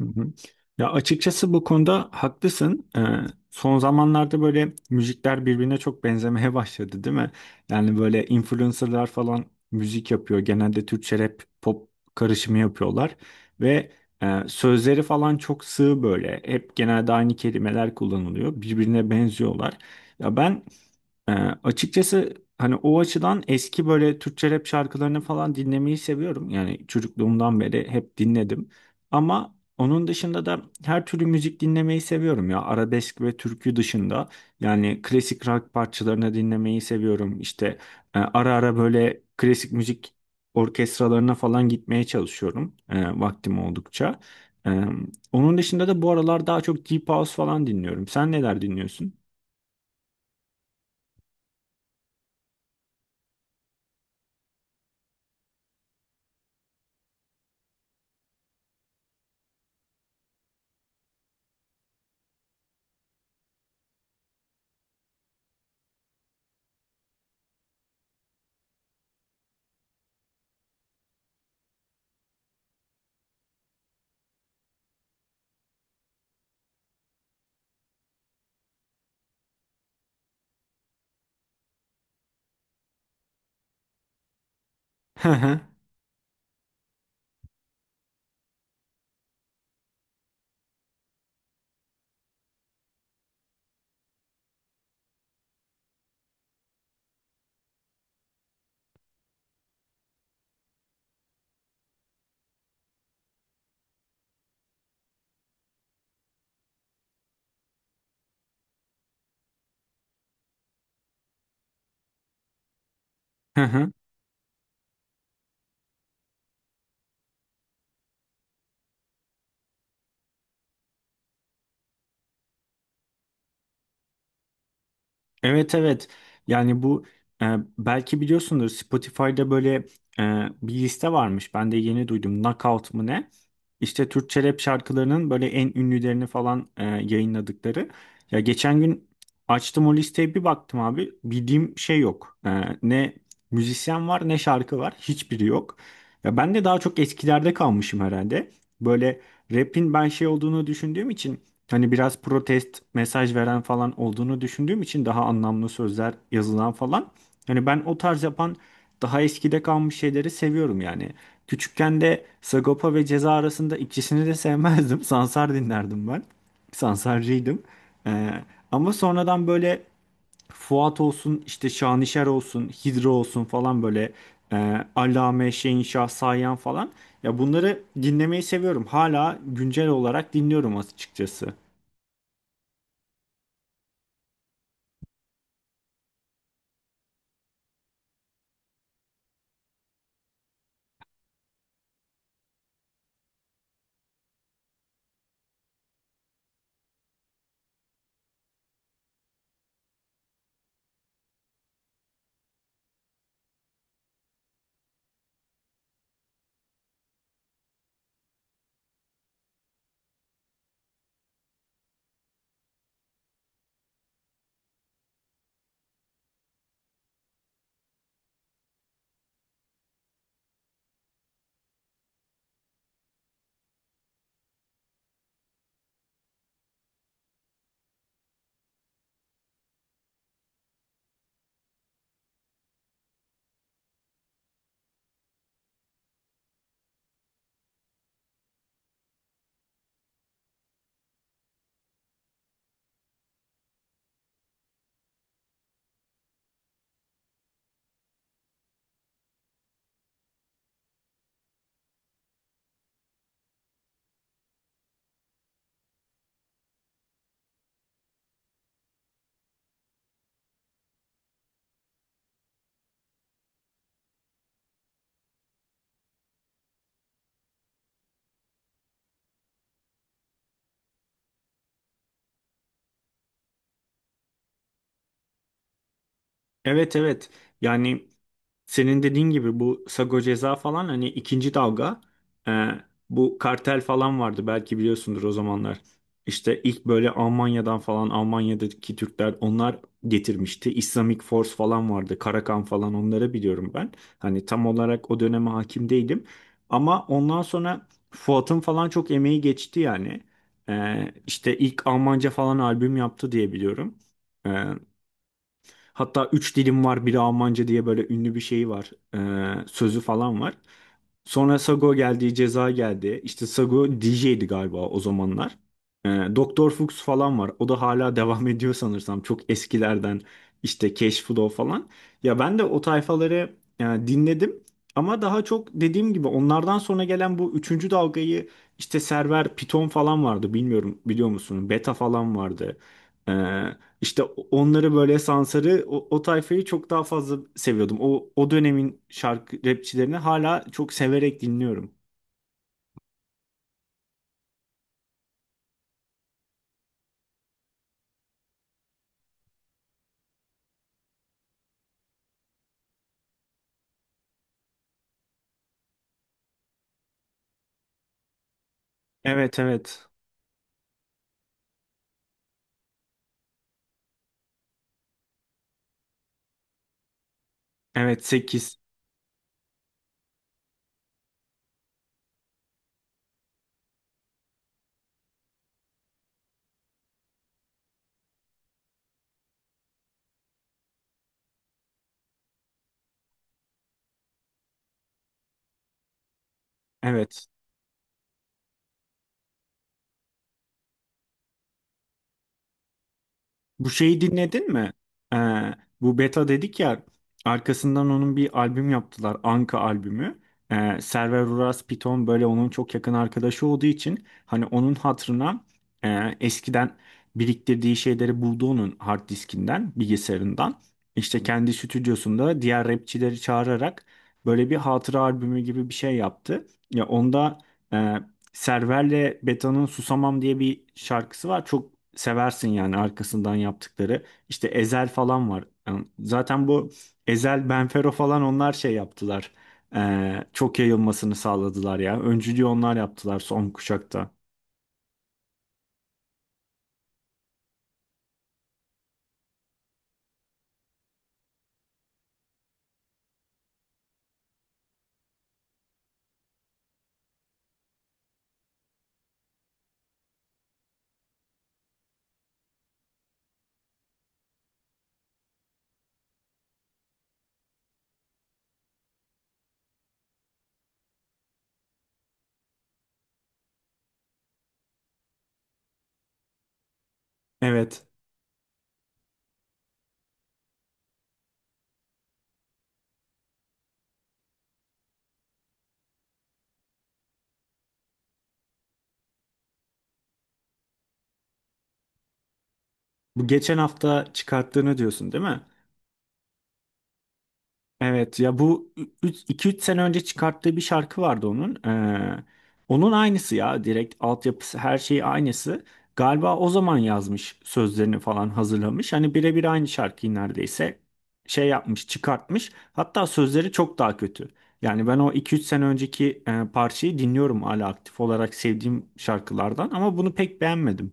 Hı hı. Ya açıkçası bu konuda haklısın. Son zamanlarda böyle müzikler birbirine çok benzemeye başladı, değil mi? Yani böyle influencerlar falan müzik yapıyor. Genelde Türkçe rap, pop karışımı yapıyorlar ve sözleri falan çok sığ böyle. Hep genelde aynı kelimeler kullanılıyor. Birbirine benziyorlar. Ya ben ee, açıkçası hani o açıdan eski böyle Türkçe rap şarkılarını falan dinlemeyi seviyorum. Yani çocukluğumdan beri hep dinledim. Ama onun dışında da her türlü müzik dinlemeyi seviyorum ya. Arabesk ve türkü dışında. Yani klasik rock parçalarını dinlemeyi seviyorum. İşte ara ara böyle klasik müzik orkestralarına falan gitmeye çalışıyorum. Vaktim oldukça. E, onun dışında da bu aralar daha çok Deep House falan dinliyorum. Sen neler dinliyorsun? Hı hı. Hı hı. Evet, evet, yani bu e, belki biliyorsundur, Spotify'da böyle bir liste varmış, ben de yeni duydum, Knockout mı ne, işte Türkçe rap şarkılarının böyle en ünlülerini falan yayınladıkları. Ya geçen gün açtım o listeye, bir baktım abi, bildiğim şey yok. Ne müzisyen var ne şarkı var, hiçbiri yok. Ya ben de daha çok eskilerde kalmışım herhalde. Böyle rap'in ben şey olduğunu düşündüğüm için, hani biraz protest mesaj veren falan olduğunu düşündüğüm için, daha anlamlı sözler yazılan falan. Hani ben o tarz yapan daha eskide kalmış şeyleri seviyorum yani. Küçükken de Sagopa ve Ceza arasında ikisini de sevmezdim. Sansar dinlerdim ben. Sansarcıydım. Ee, ama sonradan böyle Fuat olsun, işte Şanişer olsun, Hidro olsun falan, böyle Allame, Şehinşah, Sayan falan. Ya bunları dinlemeyi seviyorum. Hala güncel olarak dinliyorum açıkçası. Evet, evet, yani senin dediğin gibi bu Sago Ceza falan hani ikinci dalga, e, bu kartel falan vardı, belki biliyorsundur o zamanlar. İşte ilk böyle Almanya'dan falan, Almanya'daki Türkler onlar getirmişti. Islamic Force falan vardı, Karakan falan, onları biliyorum ben. Hani tam olarak o döneme hakim değilim, ama ondan sonra Fuat'ın falan çok emeği geçti yani. E, işte ilk Almanca falan albüm yaptı diye biliyorum. E, Hatta üç dilim var biri Almanca diye böyle ünlü bir şey var. Sözü falan var. Sonra Sago geldi, Ceza geldi. İşte Sago DJ'di galiba o zamanlar. Ee, Doktor Fuchs falan var. O da hala devam ediyor sanırsam. Çok eskilerden işte Cash Flow falan. Ya ben de o tayfaları dinledim. Ama daha çok dediğim gibi onlardan sonra gelen bu üçüncü dalgayı, işte Server, Python falan vardı. Bilmiyorum, biliyor musun? Beta falan vardı. E, işte onları böyle, Sansar'ı o tayfayı çok daha fazla seviyordum. O dönemin şarkı rapçilerini hala çok severek dinliyorum. Evet, evet. Evet, sekiz. Evet. Bu şeyi dinledin mi? Ee, bu Beta dedik ya, arkasından onun bir albüm yaptılar. Anka albümü. Server Uras Piton böyle onun çok yakın arkadaşı olduğu için, hani onun hatırına eskiden biriktirdiği şeyleri buldu onun hard diskinden, bilgisayarından. İşte kendi stüdyosunda diğer rapçileri çağırarak böyle bir hatıra albümü gibi bir şey yaptı. Ya onda e, Server'le Beta'nın Susamam diye bir şarkısı var. Çok seversin, yani arkasından yaptıkları. İşte Ezel falan var. Yani zaten bu Ezel, Benfero falan onlar şey yaptılar. Çok yayılmasını sağladılar ya. Öncülüğü onlar yaptılar son kuşakta. Evet. Bu geçen hafta çıkarttığını diyorsun değil mi? Evet ya, bu iki üç sene önce çıkarttığı bir şarkı vardı onun. Onun aynısı ya, direkt altyapısı her şeyi aynısı. Galiba o zaman yazmış, sözlerini falan hazırlamış. Hani birebir aynı şarkıyı neredeyse şey yapmış, çıkartmış. Hatta sözleri çok daha kötü. Yani ben o iki üç sene önceki parçayı dinliyorum, hala aktif olarak sevdiğim şarkılardan, ama bunu pek beğenmedim.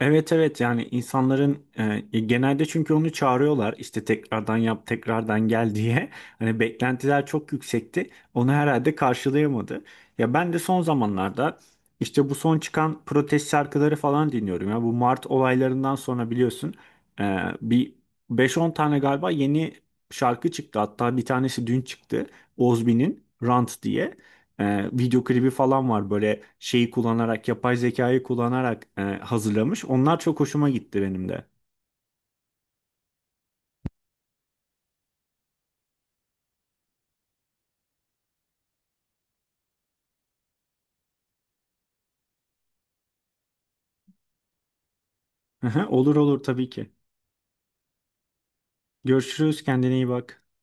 Evet, evet, yani insanların genelde çünkü onu çağırıyorlar, işte tekrardan yap tekrardan gel diye, hani beklentiler çok yüksekti, onu herhalde karşılayamadı. Ya ben de son zamanlarda işte bu son çıkan protest şarkıları falan dinliyorum ya, bu Mart olaylarından sonra biliyorsun bir beş on tane galiba yeni şarkı çıktı. Hatta bir tanesi dün çıktı, Ozbi'nin Rant diye video klibi falan var, böyle şeyi kullanarak, yapay zekayı kullanarak hazırlamış. Onlar çok hoşuma gitti benim de. Hı hı, olur olur tabii ki. Görüşürüz, kendine iyi bak.